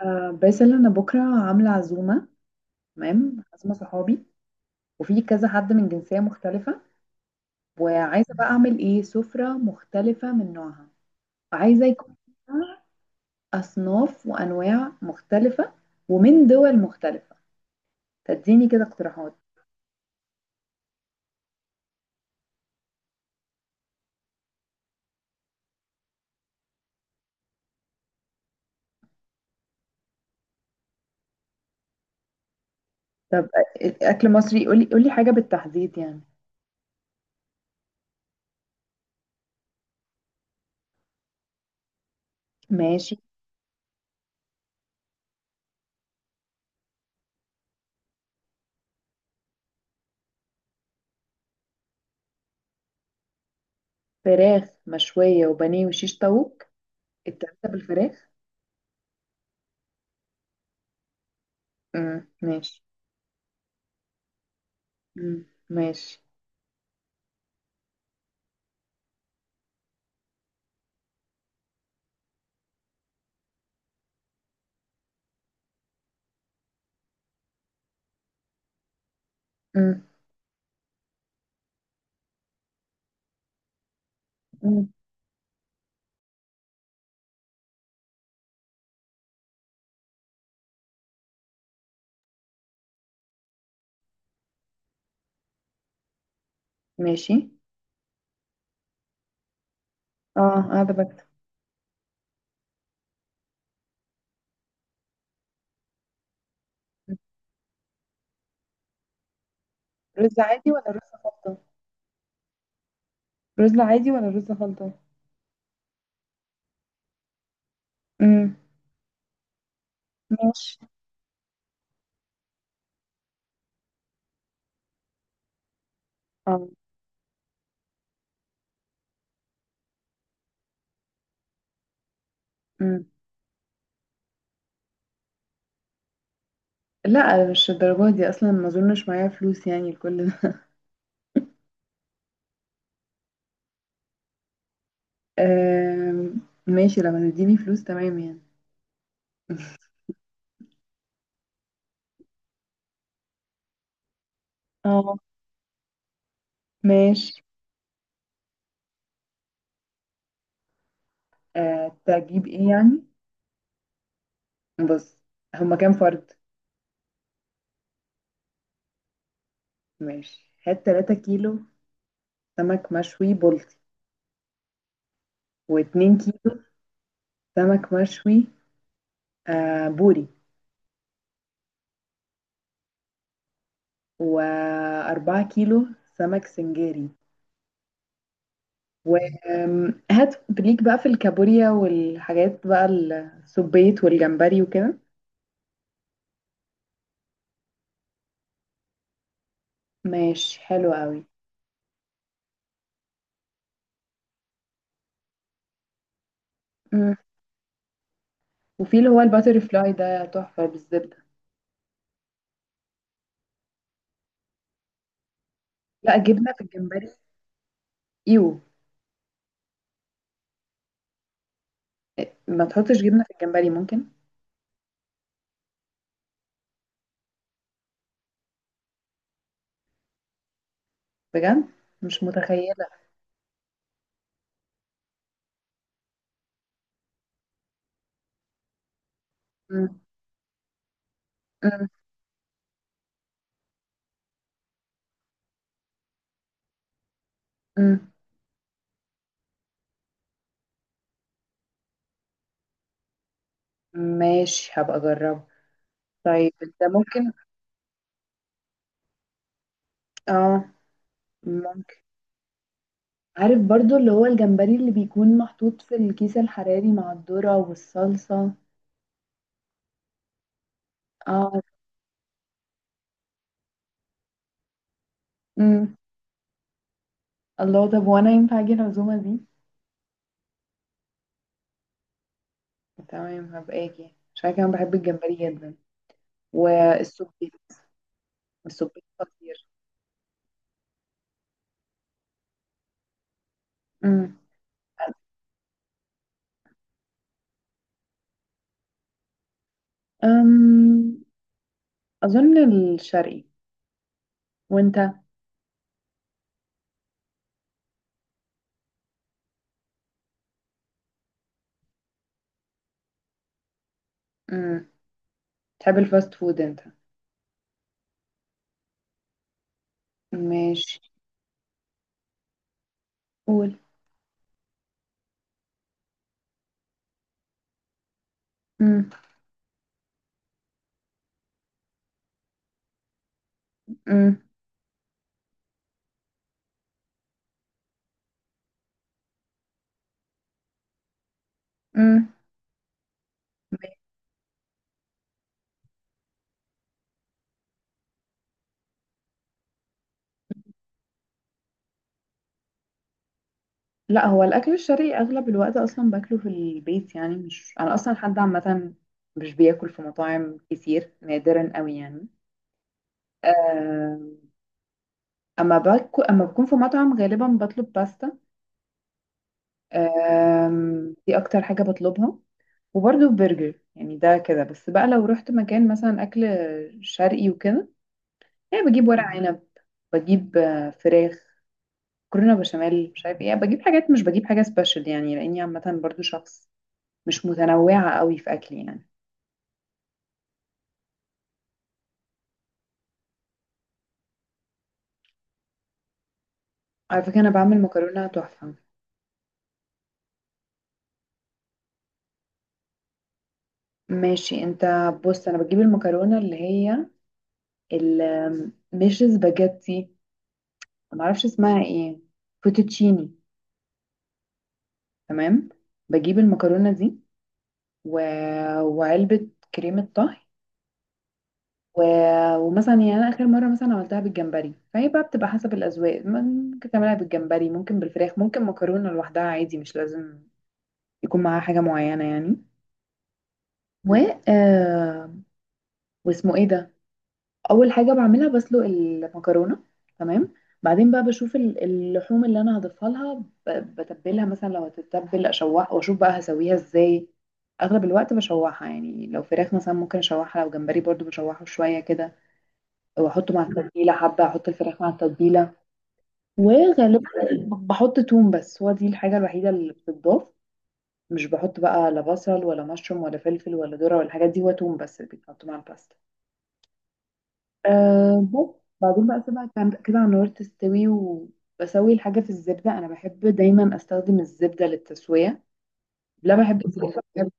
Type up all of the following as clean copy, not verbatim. باسل انا بكره عامله عزومه. تمام، عزومه صحابي، وفي كذا حد من جنسيه مختلفه، وعايزه بقى اعمل ايه سفره مختلفه من نوعها، وعايزه يكون فيها اصناف وانواع مختلفه ومن دول مختلفه. تديني كده اقتراحات؟ طب اكل مصري، قولي قولي حاجه بالتحديد يعني. ماشي. فراخ مشويه وبانيه وشيش طاووق؟ التلاته بالفراخ؟ امم، ماشي. امم، ماشي. امم، ماشي. اه، قاعده بكتب. رز عادي ولا رز خلطة؟ رز عادي ولا رز خلطة؟ امم، ماشي. اه. امم. لا، مش الدرجة دي اصلا، ما اظنش معايا فلوس يعني لكل ده. آم، ماشي، لما تديني فلوس تمام يعني. اه، ماشي. تجيب ايه يعني؟ بص، هما كام فرد؟ ماشي، هات 3 كيلو سمك مشوي بلطي، و2 كيلو سمك مشوي بوري، و4 كيلو سمك سنجاري. وهات ليك بقى في الكابوريا والحاجات بقى، السبيت والجمبري وكده. ماشي، حلو قوي. مم. وفي اللي هو الباتر فلاي ده تحفة بالزبدة. لا، جبنة في الجمبري؟ ايوه. ما تحطش جبنة في الجمبري ممكن. بجد؟ مش متخيلة. مم. مم. مم. ماشي، هبقى اجربه. طيب انت ممكن. اه، ممكن. عارف برضو اللي هو الجمبري اللي بيكون محطوط في الكيس الحراري مع الذرة والصلصة. اه. مم. الله، طب وانا ينفع اجي العزومه دي؟ تمام، هبقى اجي عشان كمان بحب الجمبري جدا، والسبيت. السبيت خطير. امم. أم... اظن الشرقي. وانت؟ امم. تحب الفاست فود انت؟ ماشي. قول. امم. امم. امم. لا، هو الاكل الشرقي اغلب الوقت اصلا باكله في البيت يعني. مش انا اصلا حد عامه، مش بياكل في مطاعم كتير، نادرا قوي يعني. أه... اما باكل اما بكون في مطعم غالبا بطلب باستا. دي اكتر حاجة بطلبها. وبرضو برجر، يعني ده كده بس بقى. لو رحت مكان مثلا اكل شرقي وكده، يعني بجيب ورق عنب، بجيب فراخ، مكرونة بشاميل، مش عارف ايه، بجيب حاجات، مش بجيب حاجة سبيشال يعني، لاني عامة برضو شخص مش متنوعة قوي في اكلي يعني. على فكرة، انا بعمل مكرونة تحفة. ماشي. انت بص، انا بجيب المكرونة اللي هي ال- آم، مش سباجيتي، معرفش اسمها ايه، فوتوتشيني. تمام. بجيب المكرونة دي و... وعلبة كريمة طهي و... ومثلا، يعني أنا آخر مرة مثلا عملتها بالجمبري، فهي بقى بتبقى حسب الأذواق، ممكن تعملها بالجمبري، ممكن بالفراخ، ممكن مكرونة لوحدها عادي، مش لازم يكون معاها حاجة معينة يعني. و آه... واسمه ايه ده؟ اول حاجه بعملها بسلق المكرونه، تمام. بعدين بقى بشوف اللحوم اللي انا هضيفها لها، بتبلها مثلا لو هتتبل، اشوحها واشوف بقى هسويها ازاي. اغلب الوقت بشوحها يعني. لو فراخ مثلا ممكن اشوحها، لو جمبري برضو بشوحه شويه كده واحطه مع التتبيله حبه، احط الفراخ مع التتبيله. وغالبا بحط توم بس، هو دي الحاجه الوحيده اللي بتتضاف. مش بحط بقى لا بصل ولا مشروم ولا فلفل ولا ذره ولا الحاجات دي، هو توم بس اللي بيتحط مع الباستا. بس بعدين بقى اسيبها كده على النار تستوي، وبسوي الحاجة في الزبدة. انا بحب دايما استخدم الزبدة للتسوية. لا، بحب الزبدة، بحب.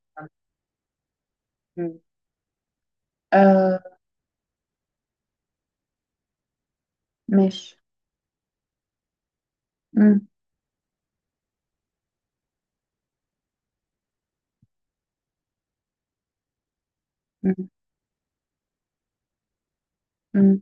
مم. أه، ماشي. مم. مم. مم.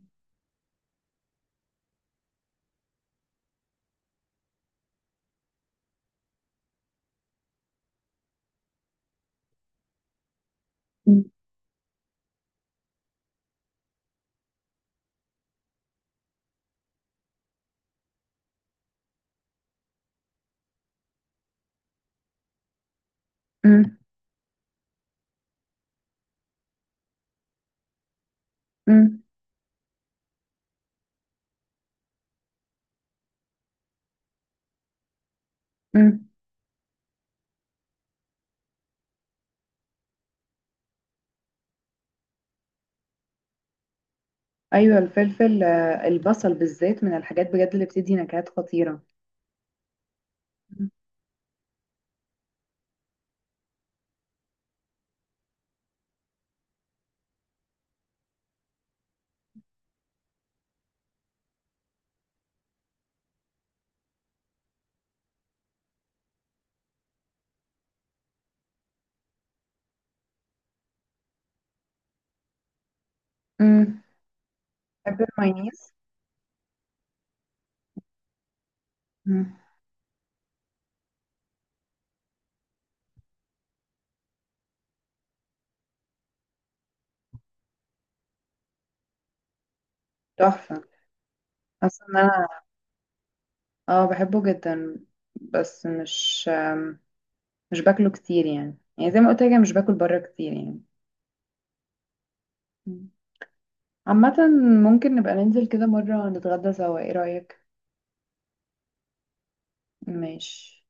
مم. مم. مم. مم. ايوه، الفلفل، البصل بالذات من الحاجات بجد اللي بتدي نكهات خطيرة. مم. مم. بحب المايونيز. مم. تحفة. حاسة ان انا، اه، بحبه جدا. بس مش باكله كتير يعني زي ما قلت لك، أنا مش باكل بره كتير يعني. مم. عامة، ممكن نبقى ننزل كده مرة نتغدى سوا، ايه رأيك؟ ماشي.